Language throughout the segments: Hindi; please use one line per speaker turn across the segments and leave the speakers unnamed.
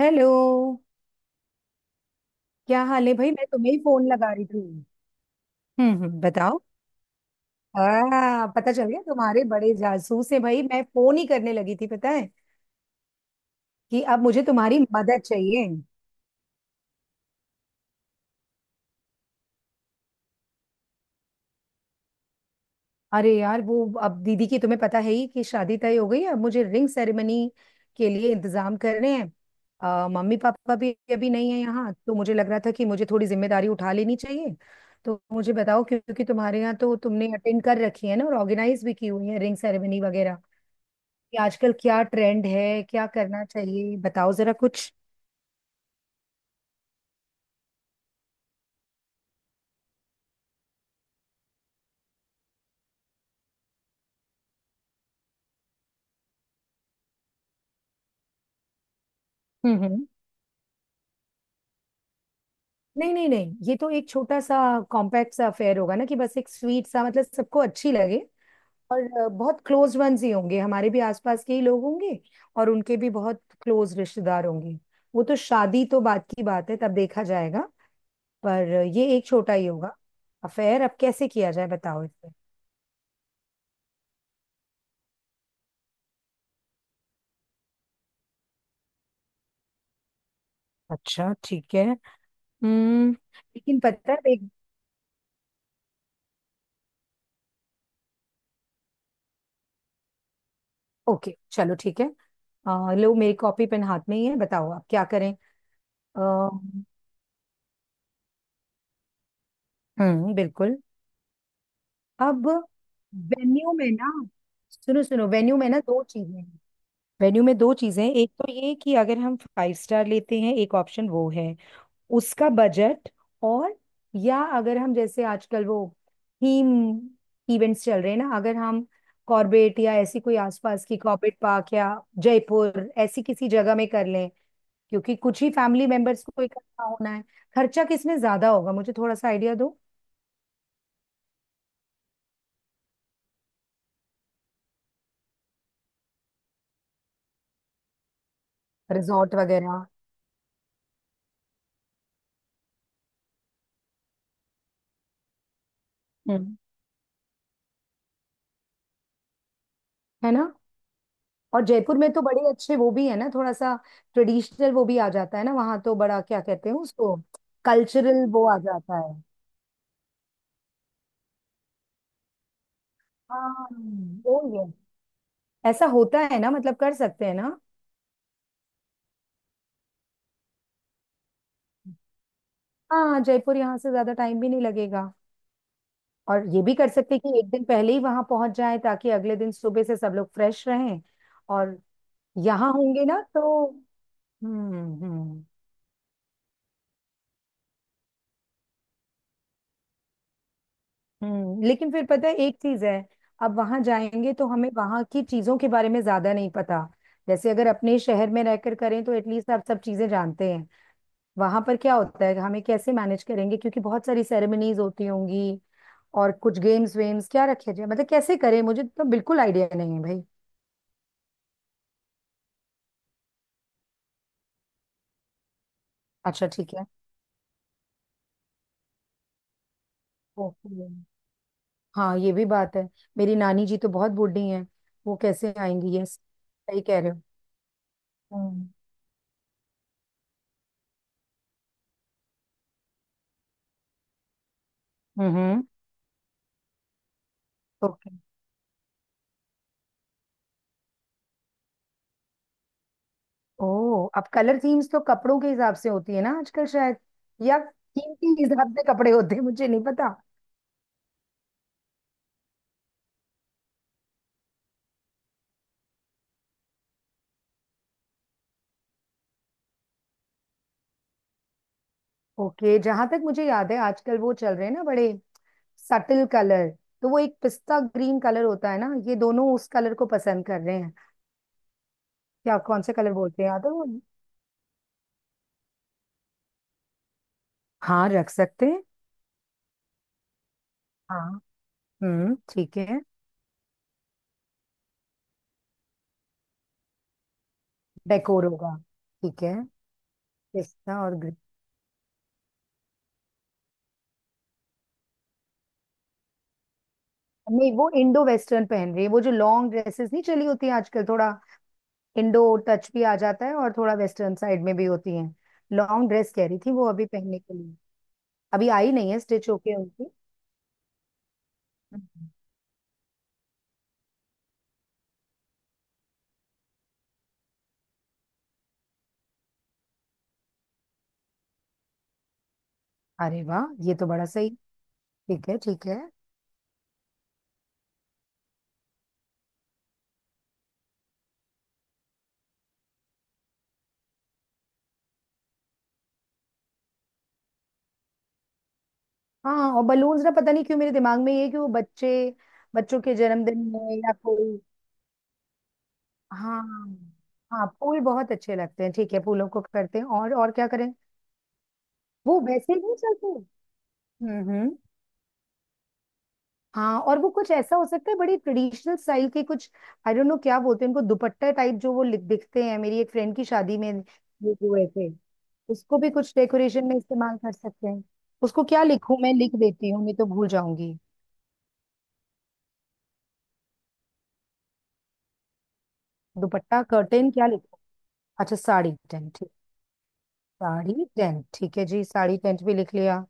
हेलो। क्या हाल है भाई? मैं तुम्हें ही फोन लगा रही थी। बताओ। पता चल गया, तुम्हारे बड़े जासूस हैं भाई। मैं फोन ही करने लगी थी पता है कि अब मुझे तुम्हारी मदद चाहिए। अरे यार, वो अब दीदी की तुम्हें पता है ही कि शादी तय हो गई है। अब मुझे रिंग सेरेमनी के लिए इंतजाम करने हैं। मम्मी पापा भी अभी नहीं है यहाँ, तो मुझे लग रहा था कि मुझे थोड़ी जिम्मेदारी उठा लेनी चाहिए। तो मुझे बताओ, क्योंकि तुम्हारे यहाँ तो तुमने अटेंड कर रखी है ना, और ऑर्गेनाइज भी की हुई है रिंग सेरेमनी वगैरह, कि आजकल क्या ट्रेंड है, क्या करना चाहिए, बताओ जरा कुछ। हम्म। नहीं नहीं नहीं, ये तो एक छोटा सा कॉम्पैक्ट सा अफेयर होगा ना, कि बस एक स्वीट सा, मतलब सबको अच्छी लगे। और बहुत क्लोज वंस ही होंगे, हमारे भी आसपास के ही लोग होंगे, और उनके भी बहुत क्लोज रिश्तेदार होंगे। वो तो शादी तो बाद की बात है, तब देखा जाएगा। पर ये एक छोटा ही होगा अफेयर। अब कैसे किया जाए, बताओ इसमें। अच्छा ठीक है। हम्म, लेकिन पता है एक। ओके चलो ठीक है। लो, मेरी कॉपी पेन हाथ में ही है, बताओ आप क्या करें। आ, बिल्कुल। अब वेन्यू में ना, सुनो सुनो, वेन्यू में ना दो चीजें हैं। वेन्यू में दो चीजें हैं, एक तो ये कि अगर हम फाइव स्टार लेते हैं, एक ऑप्शन वो है, उसका बजट। और या अगर हम जैसे आजकल वो थीम इवेंट्स चल रहे हैं ना, अगर हम कॉर्बेट या ऐसी कोई आसपास की कॉर्बेट पार्क या जयपुर ऐसी किसी जगह में कर लें, क्योंकि कुछ ही फैमिली मेंबर्स को इकट्ठा होना है। खर्चा किसमें ज्यादा होगा, मुझे थोड़ा सा आइडिया दो। रिजॉर्ट वगैरह। हम्म। है ना? और जयपुर में तो बड़े अच्छे वो भी है ना, थोड़ा सा ट्रेडिशनल वो भी आ जाता है ना वहां, तो बड़ा क्या कहते हैं उसको, कल्चरल वो आ जाता है। हाँ वो ही है। ऐसा होता है ना, मतलब कर सकते हैं ना? हाँ जयपुर यहाँ से ज्यादा टाइम भी नहीं लगेगा। और ये भी कर सकते हैं कि एक दिन पहले ही वहां पहुंच जाए, ताकि अगले दिन सुबह से सब लोग फ्रेश रहें। और यहाँ होंगे ना तो। हम्म। हम्म। हम्म, लेकिन फिर पता है एक चीज है। अब वहां जाएंगे तो हमें वहां की चीजों के बारे में ज्यादा नहीं पता। जैसे अगर अपने शहर में रहकर करें तो एटलीस्ट आप सब चीजें जानते हैं वहां पर क्या होता है, हमें कैसे मैनेज करेंगे, क्योंकि बहुत सारी सेरेमनीज होती होंगी। और कुछ गेम्स वेम्स क्या रखे जाए, मतलब कैसे करें, मुझे तो बिल्कुल आइडिया नहीं है भाई। अच्छा ठीक है। ओके। हाँ ये भी बात है। मेरी नानी जी तो बहुत बूढ़ी हैं, वो कैसे आएंगी? यस, सही कह रहे हो। हम्म। हम्म। ओके। ओह, अब कलर थीम्स तो कपड़ों के हिसाब से होती है ना आजकल शायद, या थीम के हिसाब से कपड़े होते हैं, मुझे नहीं पता। ओके, जहां तक मुझे याद है आजकल वो चल रहे हैं ना बड़े सटल कलर, तो वो एक पिस्ता ग्रीन कलर होता है ना, ये दोनों उस कलर को पसंद कर रहे हैं। क्या कौन से कलर बोलते हैं, याद है वो? हाँ रख सकते हैं। हाँ। ठीक है। डेकोर होगा। ठीक है। पिस्ता और ग्रीन। नहीं, वो इंडो वेस्टर्न पहन रही है। वो जो लॉन्ग ड्रेसेस नहीं चली होती हैं आजकल, थोड़ा इंडो टच भी आ जाता है और थोड़ा वेस्टर्न साइड में भी होती है। लॉन्ग ड्रेस कह रही थी वो अभी पहनने के लिए। अभी आई नहीं है स्टिच होके उनकी। हम्म। अरे वाह, ये तो बड़ा सही। ठीक है ठीक है। हाँ, और बलून्स ना, पता नहीं क्यों मेरे दिमाग में ये है कि वो बच्चे, बच्चों के जन्मदिन में या कोई। हाँ। हाँ फूल बहुत अच्छे लगते हैं, ठीक है फूलों को करते हैं। और क्या करें? वो वैसे ही नहीं चलते। हम्म। हाँ, और वो कुछ ऐसा हो सकता है, बड़ी ट्रेडिशनल स्टाइल के कुछ, आई डोंट नो क्या बोलते हैं उनको, दुपट्टा टाइप जो वो दिखते हैं, मेरी एक फ्रेंड की शादी में ये हुए थे। उसको भी कुछ डेकोरेशन में इस्तेमाल कर सकते हैं। उसको क्या लिखूं, मैं लिख देती हूँ नहीं तो भूल जाऊंगी। दुपट्टा, कर्टेन, क्या लिखूं? अच्छा साड़ी टेंट, ठीक। साड़ी टेंट ठीक है जी, साड़ी टेंट भी लिख लिया।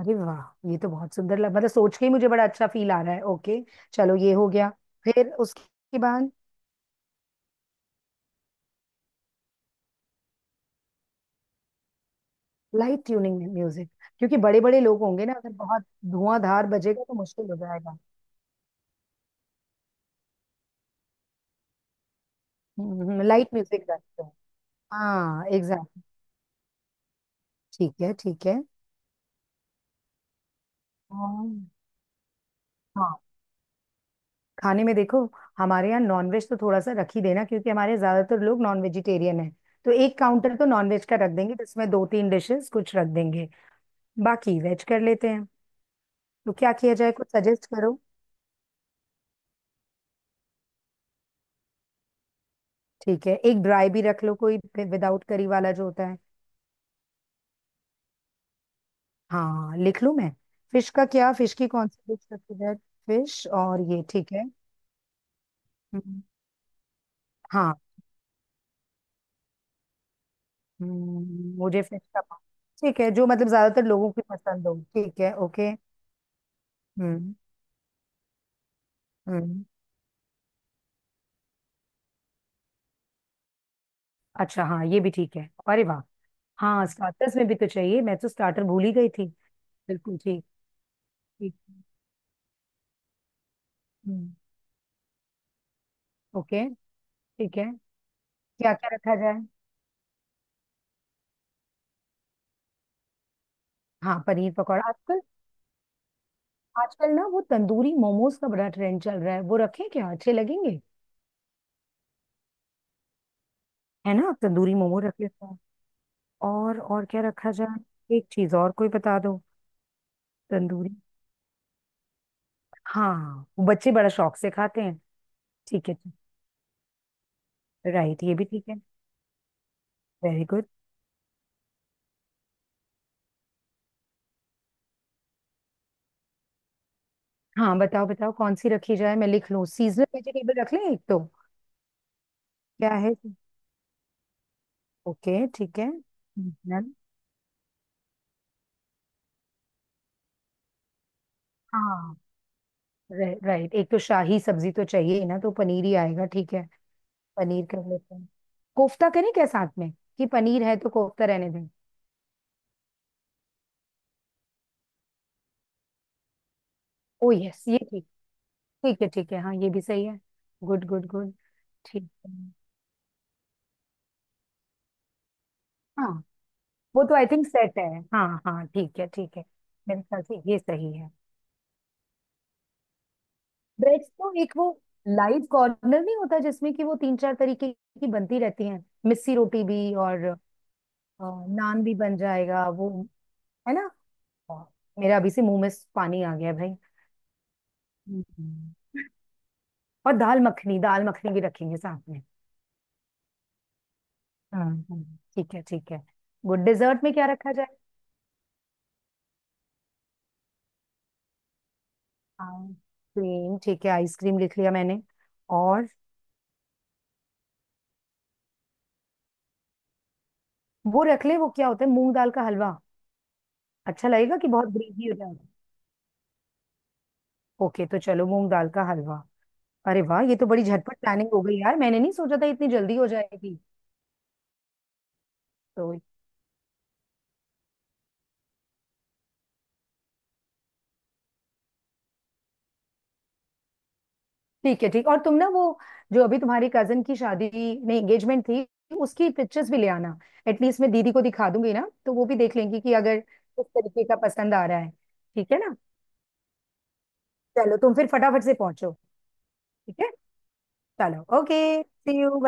अरे वाह, ये तो बहुत सुंदर लग, मतलब सोच के ही मुझे बड़ा अच्छा फील आ रहा है। ओके चलो ये हो गया, फिर उसके बाद। लाइट ट्यूनिंग में म्यूजिक, क्योंकि बड़े बड़े लोग होंगे ना, अगर बहुत धुआंधार बजेगा तो मुश्किल हो जाएगा। लाइट म्यूजिक रखते हैं। हाँ एग्जैक्ट। ठीक है ठीक है। और- हाँ, खाने में देखो, हमारे यहाँ नॉनवेज तो थोड़ा सा रख ही देना, क्योंकि हमारे ज्यादातर लोग नॉन वेजिटेरियन है। तो एक काउंटर तो नॉनवेज का रख देंगे, जिसमें दो तीन डिशेस कुछ रख देंगे, बाकी वेज कर लेते हैं। तो क्या किया जाए, कुछ सजेस्ट करो। ठीक है, एक ड्राई भी रख लो, कोई विदाउट करी वाला जो होता है। हाँ, लिख लूँ मैं? फिश का क्या, फिश की कौन सी डिश सबसे बेस्ट? फिश, और ये ठीक है। हम्म। हाँ। मुझे फिश का पा- ठीक है, जो मतलब ज्यादातर लोगों की पसंद हो, ठीक है ओके। हम्म। हम्म अच्छा, हाँ ये भी ठीक है, अरे वाह। हाँ स्टार्टर्स में भी तो चाहिए, मैं तो स्टार्टर भूल ही गई थी। बिल्कुल ठीक। ठीक। हम्म। ओके। ठीक है। क्या क्या रखा जाए? हाँ पनीर पकौड़ा, आजकल, आजकल ना वो तंदूरी मोमोज का बड़ा ट्रेंड चल रहा है, वो रखें, क्या अच्छे लगेंगे? है ना, तंदूरी मोमो रखे। और क्या रखा जाए, एक चीज और कोई बता दो। तंदूरी। हाँ वो बच्चे बड़ा शौक से खाते हैं। ठीक है तो। राइट, ये भी ठीक है। Very good. हाँ बताओ बताओ, कौन सी रखी जाए, मैं लिख लूँ, सीजनल वेजिटेबल रख लें एक तो? क्या है? ओके ठीक है, सीजनल। हाँ, राइट, एक तो शाही सब्जी तो चाहिए ही ना, तो पनीर ही आएगा, ठीक है। पनीर कर लेते हैं, कोफ्ता करें क्या साथ में? कि पनीर है तो कोफ्ता रहने दें। ओ यस, ये ठीक। ठीक है ठीक है, हाँ ये भी सही है। Good good good. ठीक है। हाँ। वो तो आई थिंक सेट है, हाँ हाँ ठीक है ठीक है। मेरे ख्याल से ये सही है। ब्रेड्स तो एक वो लाइव कॉर्नर नहीं होता, जिसमें कि वो तीन चार तरीके की बनती रहती हैं, मिस्सी रोटी भी और नान भी बन जाएगा वो। है ना? मेरा अभी से मुंह में पानी आ गया भाई। हम्म। और दाल मखनी, दाल मखनी भी रखेंगे साथ में? हाँ। हाँ, ठीक है ठीक है। गुड, डिजर्ट में क्या रखा जाए? आइसक्रीम ठीक है, आइसक्रीम लिख लिया मैंने। और वो रख ले, वो क्या होता है मूंग दाल का हलवा, अच्छा लगेगा कि बहुत ग्रेवी हो जाएगा? ओके तो चलो, मूंग दाल का हलवा। अरे वाह, ये तो बड़ी झटपट प्लानिंग हो गई यार, मैंने नहीं सोचा था इतनी जल्दी हो जाएगी। तो ठीक है ठीक, और तुम ना वो जो अभी तुम्हारी कजन की शादी में एंगेजमेंट थी, उसकी पिक्चर्स भी ले आना, एटलीस्ट मैं दीदी को दिखा दूंगी ना, तो वो भी देख लेंगी कि अगर किस तरीके का पसंद आ रहा है। ठीक है ना? चलो तुम फिर फटाफट से पहुंचो। ठीक है। चलो ओके, सी यू।